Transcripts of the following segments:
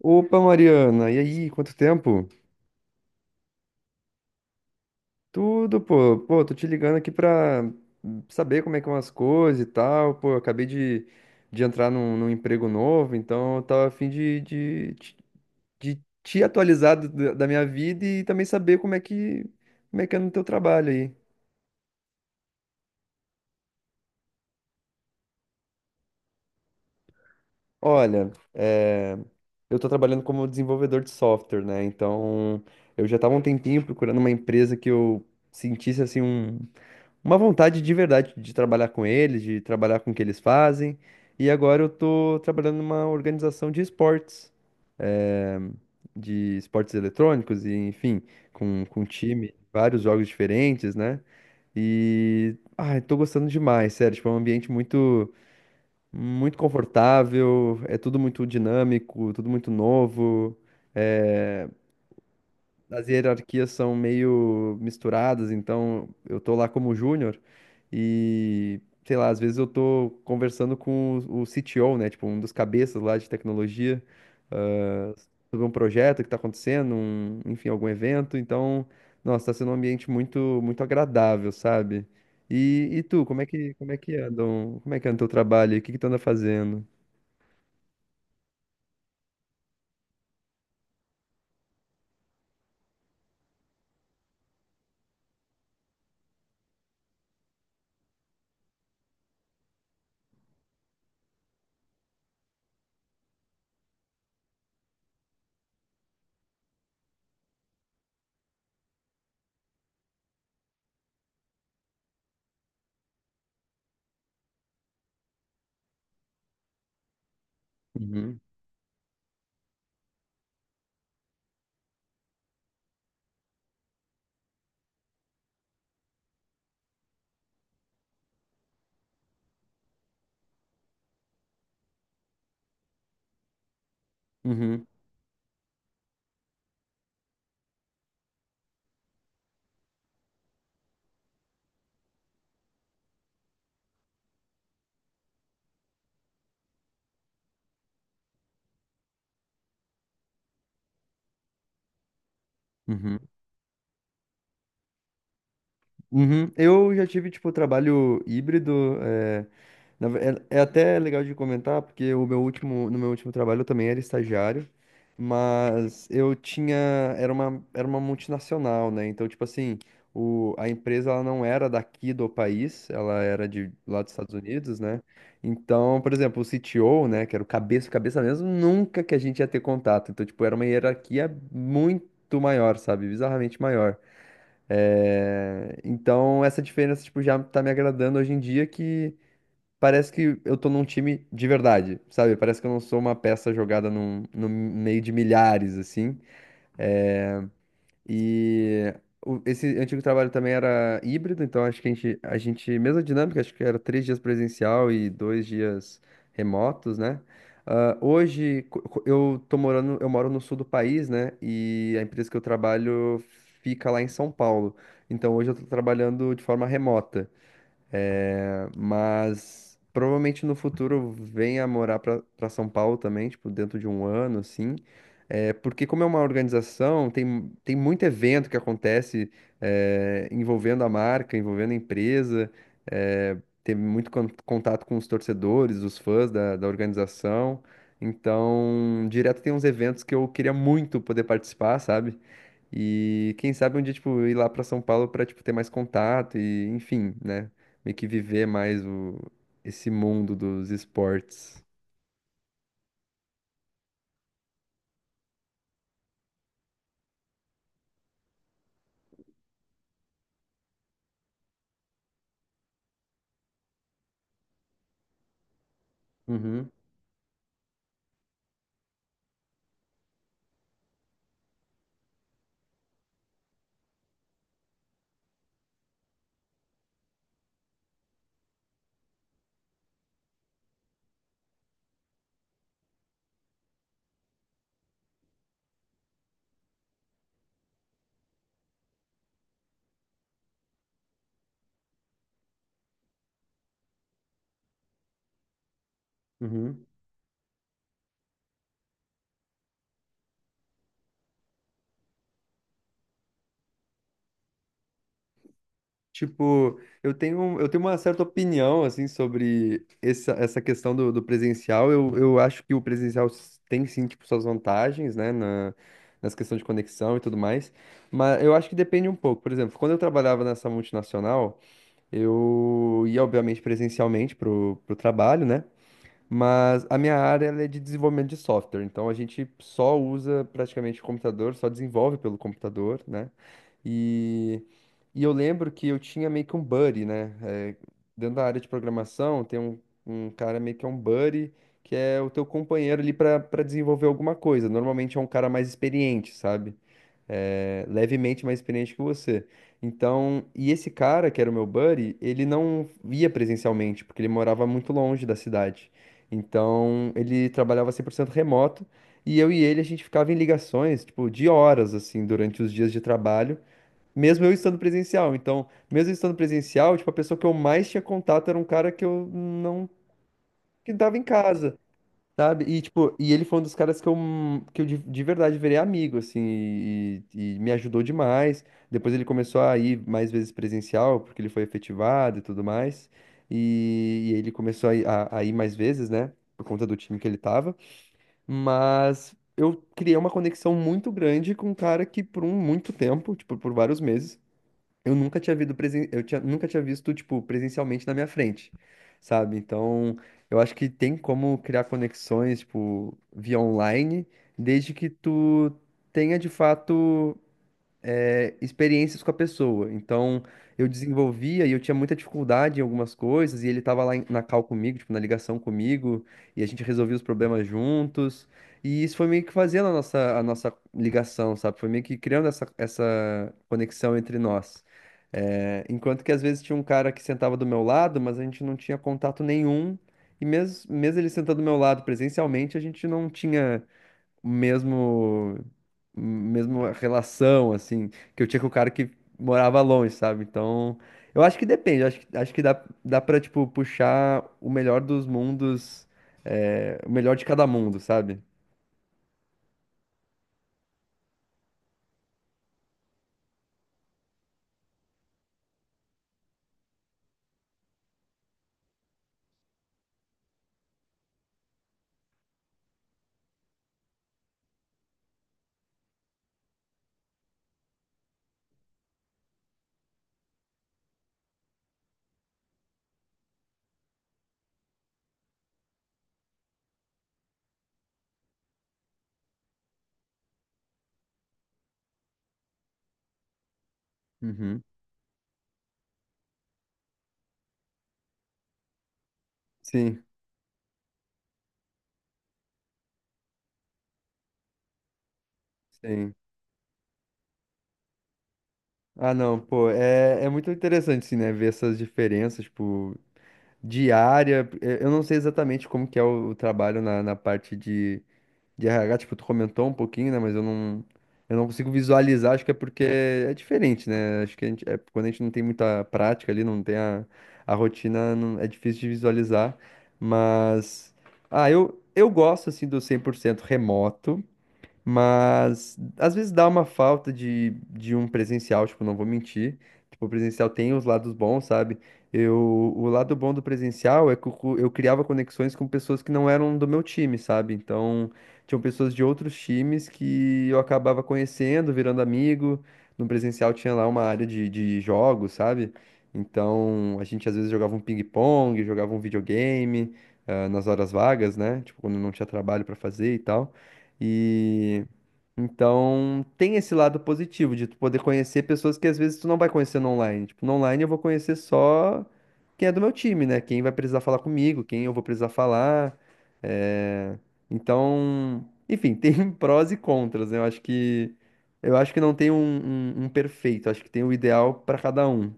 Opa, Mariana, e aí, quanto tempo? Tudo, pô, tô te ligando aqui pra saber como é que são as coisas e tal, pô, eu acabei de entrar num emprego novo, então eu tava a fim de te atualizar da minha vida e também saber como é como é que é no teu trabalho aí. Olha, eu tô trabalhando como desenvolvedor de software, né, então eu já tava um tempinho procurando uma empresa que eu sentisse, assim, uma vontade de verdade de trabalhar com eles, de trabalhar com o que eles fazem. E agora eu tô trabalhando numa organização de esportes, eh, de esportes eletrônicos e, enfim, com um time, vários jogos diferentes, né? E, ai, tô gostando demais, sério, tipo, é um ambiente muito, muito confortável, é tudo muito dinâmico, tudo muito novo, eh, as hierarquias são meio misturadas, então eu tô lá como júnior e, sei lá, às vezes eu tô conversando com o CTO, né, tipo, um dos cabeças lá de tecnologia, ah, sobre um projeto que tá acontecendo, enfim, algum evento, então, nossa, tá sendo um ambiente muito, muito agradável, sabe? E tu, como é como é que anda, como é que anda o teu trabalho? O que que tu anda fazendo? Uhum, uhum, uhum. Uhum. Eu já tive, tipo, trabalho híbrido. Na ve- é, é até legal de comentar, porque o meu último, no meu último trabalho eu também era estagiário, mas eu tinha, era uma multinacional, né? Então, tipo assim, a empresa ela não era daqui do país, ela era de lá dos Estados Unidos, né? Então, por exemplo, o CTO, né, que era o cabeça, cabeça mesmo, nunca que a gente ia ter contato. Então, tipo, era uma hierarquia muito maior, sabe? Bizarramente maior. É, então, essa diferença, tipo, já tá me agradando hoje em dia que parece que eu tô num time de verdade, sabe? Parece que eu não sou uma peça jogada num, no meio de milhares, assim. E esse antigo trabalho também era híbrido, então acho que a gente, mesma dinâmica, acho que era três dias presencial e dois dias remotos, né? Ah, hoje eu tô morando, eu moro no sul do país, né? E a empresa que eu trabalho fica lá em São Paulo. Então hoje eu tô trabalhando de forma remota. É, mas provavelmente no futuro eu venha morar pra São Paulo também, tipo, dentro de um ano, assim. É, porque como é uma organização, tem muito evento que acontece envolvendo a marca, envolvendo a empresa, é, teve muito contato com os torcedores, os fãs da organização. Então, direto tem uns eventos que eu queria muito poder participar, sabe? E quem sabe um dia, tipo, ir lá pra São Paulo pra, tipo, ter mais contato e, enfim, né? Meio que viver mais o esse mundo dos esportes. Uhum, uhum. Tipo, eu tenho uma certa opinião, assim, sobre essa questão do presencial. Eu acho que o presencial tem, sim, tipo, suas vantagens, né? Nas questões de conexão e tudo mais. Mas eu acho que depende um pouco. Por exemplo, quando eu trabalhava nessa multinacional, eu ia, obviamente, presencialmente pro trabalho, né? Mas a minha área ela é de desenvolvimento de software, então a gente só usa praticamente o computador, só desenvolve pelo computador, né? E, e eu lembro que eu tinha meio que um buddy, né? É, dentro da área de programação, tem um, um cara meio que é um buddy, que é o teu companheiro ali para desenvolver alguma coisa. Normalmente é um cara mais experiente, sabe? É, levemente mais experiente que você. Então, e esse cara, que era o meu buddy, ele não ia presencialmente, porque ele morava muito longe da cidade. Então, ele trabalhava 100% remoto, e eu e ele, a gente ficava em ligações, tipo, de horas, assim, durante os dias de trabalho, mesmo eu estando presencial. Então, mesmo eu estando presencial, tipo, a pessoa que eu mais tinha contato era um cara que eu não... que estava em casa. Sabe? E, tipo, e ele foi um dos caras que eu de verdade virei amigo, assim, e me ajudou demais. Depois ele começou a ir mais vezes presencial, porque ele foi efetivado e tudo mais. E ele começou a ir mais vezes, né? Por conta do time que ele tava. Mas eu criei uma conexão muito grande com um cara que, por um muito tempo, tipo, por vários meses, eu nunca tinha visto presen... eu tinha... nunca tinha visto, tipo, presencialmente na minha frente, sabe? Então, eu acho que tem como criar conexões, tipo, via online, desde que tu tenha de fato experiências com a pessoa. Então, eu desenvolvia e eu tinha muita dificuldade em algumas coisas, e ele estava lá na call comigo, tipo, na ligação comigo, e a gente resolvia os problemas juntos. E isso foi meio que fazendo a a nossa ligação, sabe? Foi meio que criando essa conexão entre nós. É, enquanto que às vezes tinha um cara que sentava do meu lado, mas a gente não tinha contato nenhum. E mesmo ele sentando do meu lado presencialmente, a gente não tinha mesmo mesmo relação assim que eu tinha com o cara que morava longe, sabe? Então, eu acho que depende, eu acho que dá para tipo puxar o melhor dos mundos, é, o melhor de cada mundo, sabe? Uhum. Sim, sim. Ah, não, pô, é, é muito interessante, assim, né, ver essas diferenças, tipo, diária. Eu não sei exatamente como que é o trabalho na parte de RH, tipo, tu comentou um pouquinho, né? Eu não consigo visualizar, acho que é porque é diferente, né? Acho que a gente, é, quando a gente não tem muita prática ali, não tem a rotina, é difícil de visualizar. Mas, ah, eu gosto, assim, do 100% remoto, mas às vezes dá uma falta de um presencial, tipo, não vou mentir. Tipo, o presencial tem os lados bons, sabe? Eu, o lado bom do presencial é que eu criava conexões com pessoas que não eram do meu time, sabe? Então, tinham pessoas de outros times que eu acabava conhecendo, virando amigo. No presencial tinha lá uma área de jogos, sabe? Então, a gente às vezes jogava um ping-pong, jogava um videogame, ah, nas horas vagas, né? Tipo, quando não tinha trabalho pra fazer e tal. E então tem esse lado positivo de tu poder conhecer pessoas que às vezes tu não vai conhecer no online. Tipo, no online eu vou conhecer só quem é do meu time, né? Quem vai precisar falar comigo, quem eu vou precisar falar. É, então, enfim, tem prós e contras, né? Eu acho que não tem um, um perfeito, acho que tem o ideal para cada um.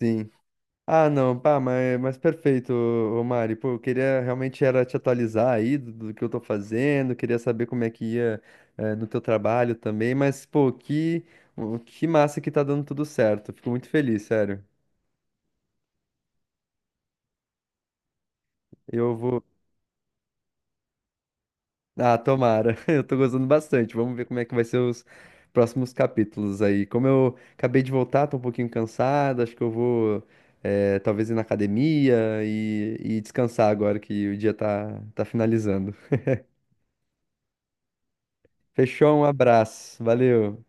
Sim. Ah, não, pá, mas perfeito, ô Mari. Pô, eu queria realmente era te atualizar aí do que eu tô fazendo, queria saber como é que ia, eh, no teu trabalho também, mas, pô, que, que massa que tá dando tudo certo. Fico muito feliz, sério. Eu vou. Ah, tomara. Eu tô gostando bastante. Vamos ver como é que vai ser os próximos capítulos aí. Como eu acabei de voltar, tô um pouquinho cansado, acho que eu vou, eh, talvez ir na academia e descansar agora que o dia tá, tá finalizando. Fechou, um abraço. Valeu.